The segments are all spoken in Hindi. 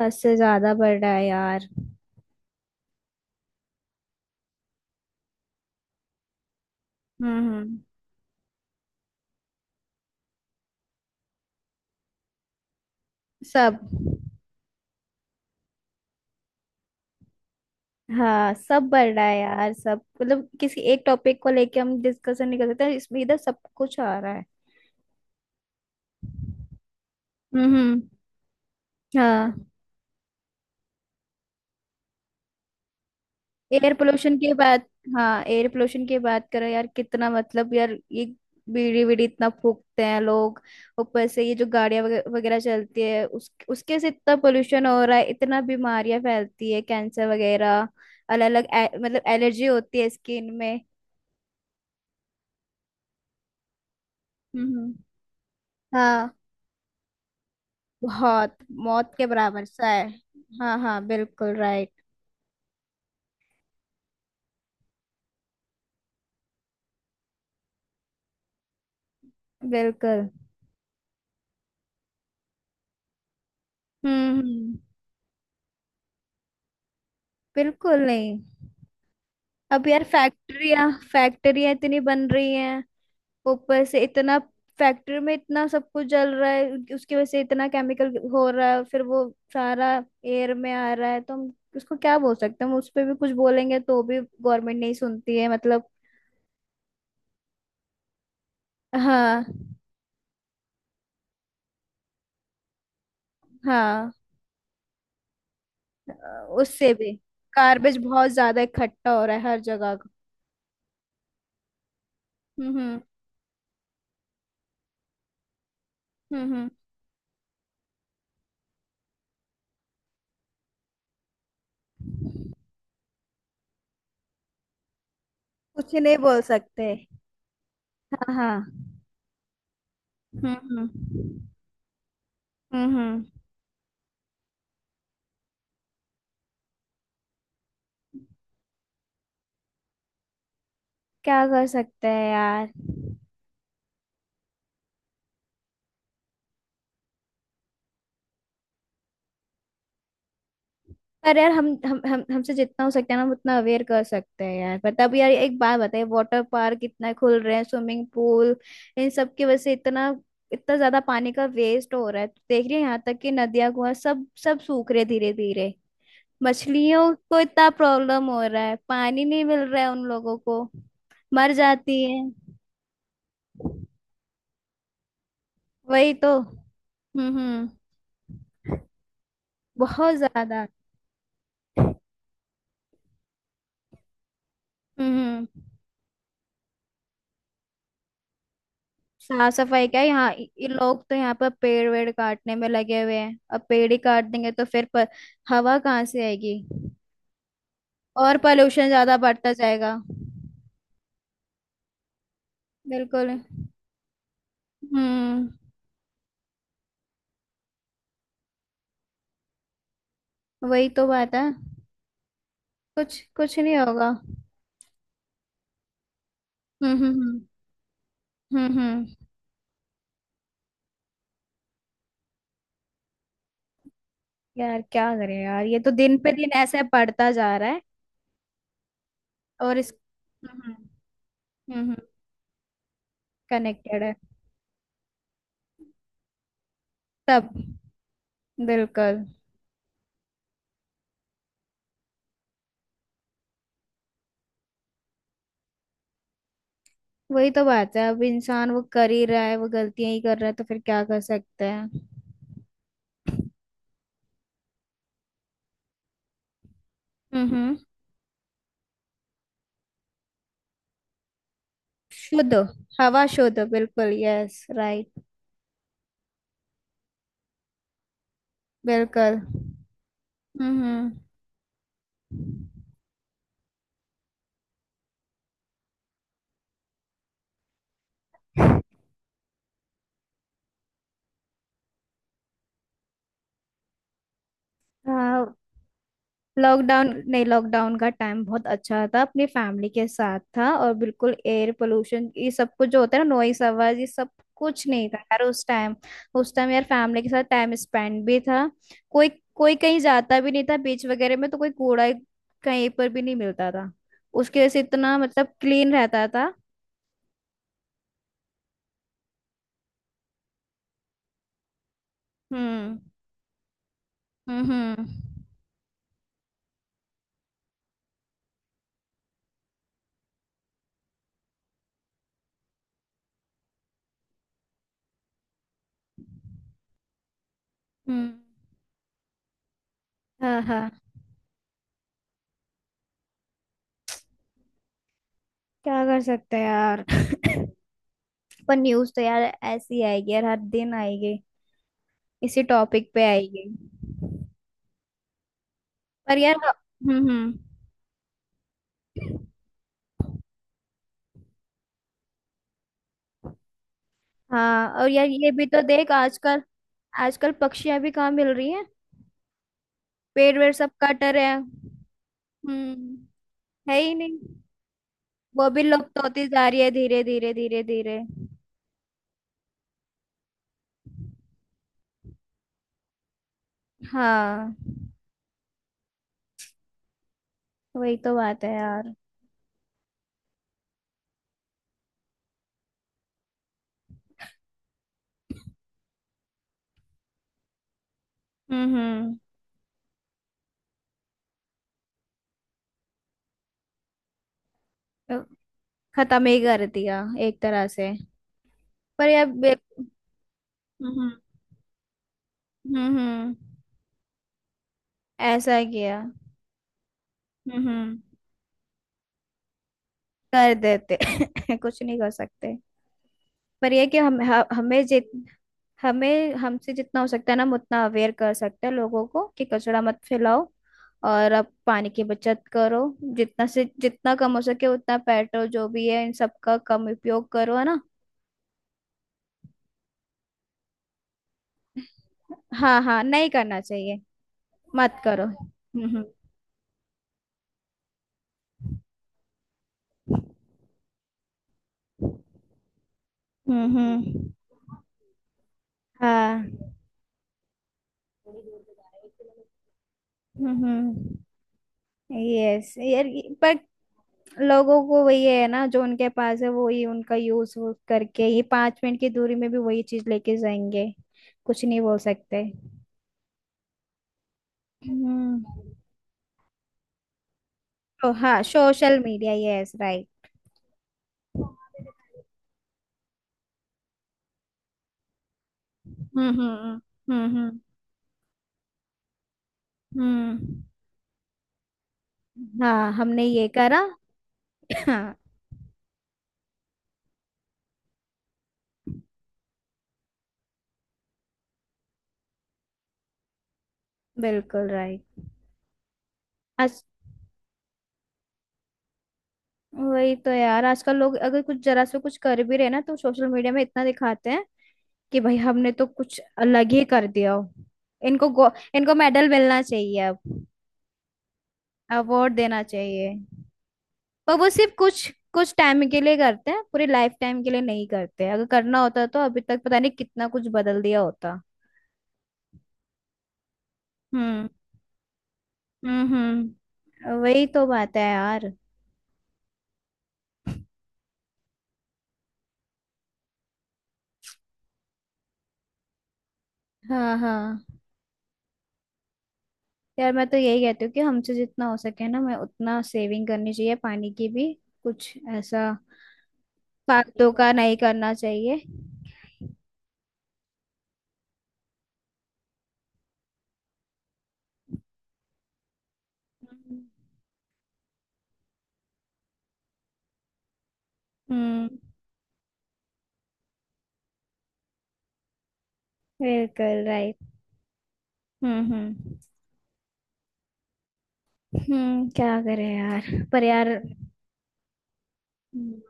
हद से ज्यादा बढ़ रहा है यार। हम्म। सब। हाँ, सब बढ़ रहा है यार। सब मतलब किसी एक टॉपिक को लेके हम डिस्कशन नहीं कर सकते, तो इसमें इधर सब कुछ आ रहा है। हम्म हम्म। हाँ, एयर पोल्यूशन की बात। हाँ, एयर पोल्यूशन की बात करो यार। कितना, मतलब यार ये बीड़ी बीड़ी इतना फूकते हैं लोग। ऊपर से ये जो गाड़ियां वगैरह चलती है, उस उसके से इतना पोल्यूशन हो रहा है, इतना बीमारियां फैलती है, कैंसर वगैरह। अलग अलग मतलब एलर्जी होती है स्किन में। हम्म। हाँ। बहुत। मौत के बराबर सा है। हाँ हाँ, बिल्कुल राइट। बिल्कुल। हम्म। बिल्कुल नहीं। अब यार फैक्ट्रियां फैक्ट्रियां इतनी बन रही हैं। ऊपर से इतना फैक्ट्री में इतना सब कुछ जल रहा है, उसकी वजह से इतना केमिकल हो रहा है, फिर वो सारा एयर में आ रहा है। तो हम उसको क्या बोल सकते हैं? हम उस पर भी कुछ बोलेंगे तो भी गवर्नमेंट नहीं सुनती है, मतलब। हाँ। हाँ अ, उससे भी गार्बेज बहुत ज्यादा इकट्ठा हो रहा है हर जगह। हम्म हम्म। कुछ नहीं बोल सकते। हाँ हाँ। हम्म हम्म हम्म हम्म। क्या कर सकते हैं यार? पर यार हम हमसे जितना हो सकता है ना, हम उतना अवेयर कर सकते हैं यार। पर तब यार एक बात बताइए, वाटर पार्क इतना खुल रहे हैं, स्विमिंग पूल, इन सब की वजह से इतना इतना ज्यादा पानी का वेस्ट हो रहा है। तो देख रही है, यहाँ तक कि नदियां, कुआं सब सब सूख रहे, धीरे धीरे। मछलियों को इतना प्रॉब्लम हो रहा है, पानी नहीं मिल रहा है उन लोगों को। मर जाती है। वही तो। हम्म। बहुत ज्यादा। हम्म। साफ सफाई क्या, यहाँ ये लोग तो यहाँ पर पेड़ वेड़ काटने में लगे हुए हैं। अब पेड़ ही काट देंगे तो फिर हवा कहाँ से आएगी? और पोल्यूशन ज्यादा बढ़ता जाएगा। बिल्कुल। हम्म। वही तो बात है। कुछ कुछ नहीं होगा। हम्म। हम्म हम्म। यार क्या करें यार, ये तो दिन पे दिन ऐसे बढ़ता जा रहा है। और इस हम्म हम्म कनेक्टेड है। सब। बिल्कुल। वही तो बात है। अब इंसान वो कर ही रहा है, वो गलतियां ही कर रहा है, तो फिर क्या कर सकते हैं? हम्म। शुद्ध। हवा शुद्ध, बिल्कुल। Yes right. बिल्कुल। हम्म। हाँ। लॉकडाउन नहीं, लॉकडाउन का टाइम बहुत अच्छा था। अपनी फैमिली के साथ था, और बिल्कुल एयर पोल्यूशन ये सब कुछ जो होता है ना, नॉइस आवाज ये सब कुछ नहीं था यार उस टाइम। उस टाइम यार फैमिली के साथ टाइम स्पेंड भी था। कोई। कोई कहीं जाता भी नहीं था, बीच वगैरह में तो कोई कूड़ा कहीं पर भी नहीं मिलता था। उसकी वजह से इतना मतलब क्लीन रहता था। हम्म हम्म। हम्म। हाँ हाँ। क्या कर सकते हैं यार? पर न्यूज तो यार ऐसी आएगी यार, हर दिन आएगी। इसी टॉपिक पे आएगी। पर यार हम्म। हाँ, और यार ये भी तो देख आजकल। आजकल पक्षियां भी कहाँ मिल रही हैं? पेड़ वेड़ सब कट रहे हैं। हम्म। है ही नहीं। वो भी लुप्त होती जा रही है, धीरे धीरे धीरे धीरे। हाँ। वही तो बात है यार। हम्म हम्म। खत्म ही कर दिया, एक तरह से। पर यार हम्म हम्म। ऐसा किया। हम्म हम्म, कर देते। कुछ नहीं कर सकते। पर यह है कि हम ह- हमें जित हमें हमसे जितना हो सकता है ना, हम उतना अवेयर कर सकते हैं लोगों को, कि कचरा मत फैलाओ। और अब पानी की बचत करो। जितना से जितना कम हो सके उतना पेट्रोल जो भी है इन सबका कम उपयोग करो, है ना। हाँ हाँ, नहीं करना चाहिए। मत करो। हम्म। हम्म। हाँ। हम्म। यस यार पर लोगों को वही है ना, जो उनके पास है वही उनका यूज करके ही 5 मिनट की दूरी में भी वही चीज लेके जाएंगे। कुछ नहीं बोल सकते। हम्म। तो हाँ, सोशल मीडिया। Yes right. हम्म हम्म हम्म। हम्म। हाँ, हमने ये करा। हाँ। बिल्कुल राइट। आज वही तो यार, आजकल लोग अगर कुछ जरा से कुछ कर भी रहे ना तो सोशल मीडिया में इतना दिखाते हैं कि भाई हमने तो कुछ अलग ही कर दिया हो। इनको इनको मेडल मिलना चाहिए अब। अवार्ड देना चाहिए। पर वो सिर्फ कुछ कुछ टाइम के लिए करते हैं, पूरे लाइफ टाइम के लिए नहीं करते। अगर करना होता तो अभी तक पता नहीं कितना कुछ बदल दिया होता। हम्म हम्म। वही तो बात है यार। हाँ हाँ। यार मैं तो यही कहती हूँ कि हमसे जितना हो सके ना, मैं उतना सेविंग करनी चाहिए, पानी की भी। कुछ ऐसा फालतू का नहीं करना चाहिए। हम्म। बिल्कुल राइट। हम्म। क्या करे यार, पर यार हम्म,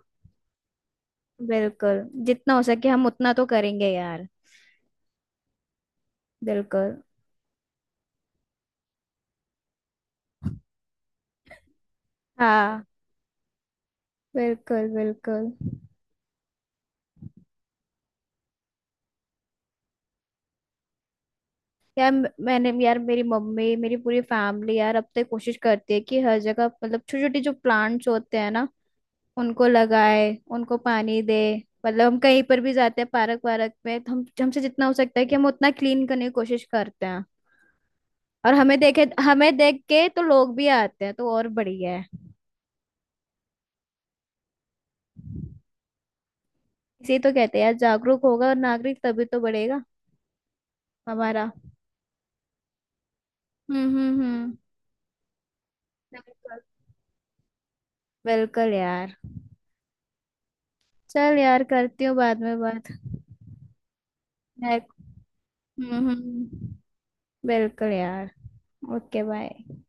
बिल्कुल। जितना हो सके हम उतना तो करेंगे यार। बिल्कुल। हाँ, बिल्कुल बिल्कुल। यार मैंने यार, मेरी मम्मी, मेरी पूरी फैमिली यार, अब तो कोशिश करती है कि हर जगह मतलब छोटे छोटे जो प्लांट्स होते हैं ना उनको लगाए, उनको पानी दे। मतलब हम कहीं पर भी जाते हैं, पार्क वार्क में, तो हम हमसे जितना हो सकता है कि हम उतना क्लीन करने की कोशिश करते हैं। और हमें देख के तो लोग भी आते हैं, तो और बढ़िया है। इसे तो कहते हैं यार, जागरूक होगा और नागरिक तभी तो बढ़ेगा। हमारा। हम्म। बिल्कुल। बिल्कुल यार। चल यार, करती हूँ बाद में बात। मैं- हम्म हम्म, बिल्कुल यार। Okay bye.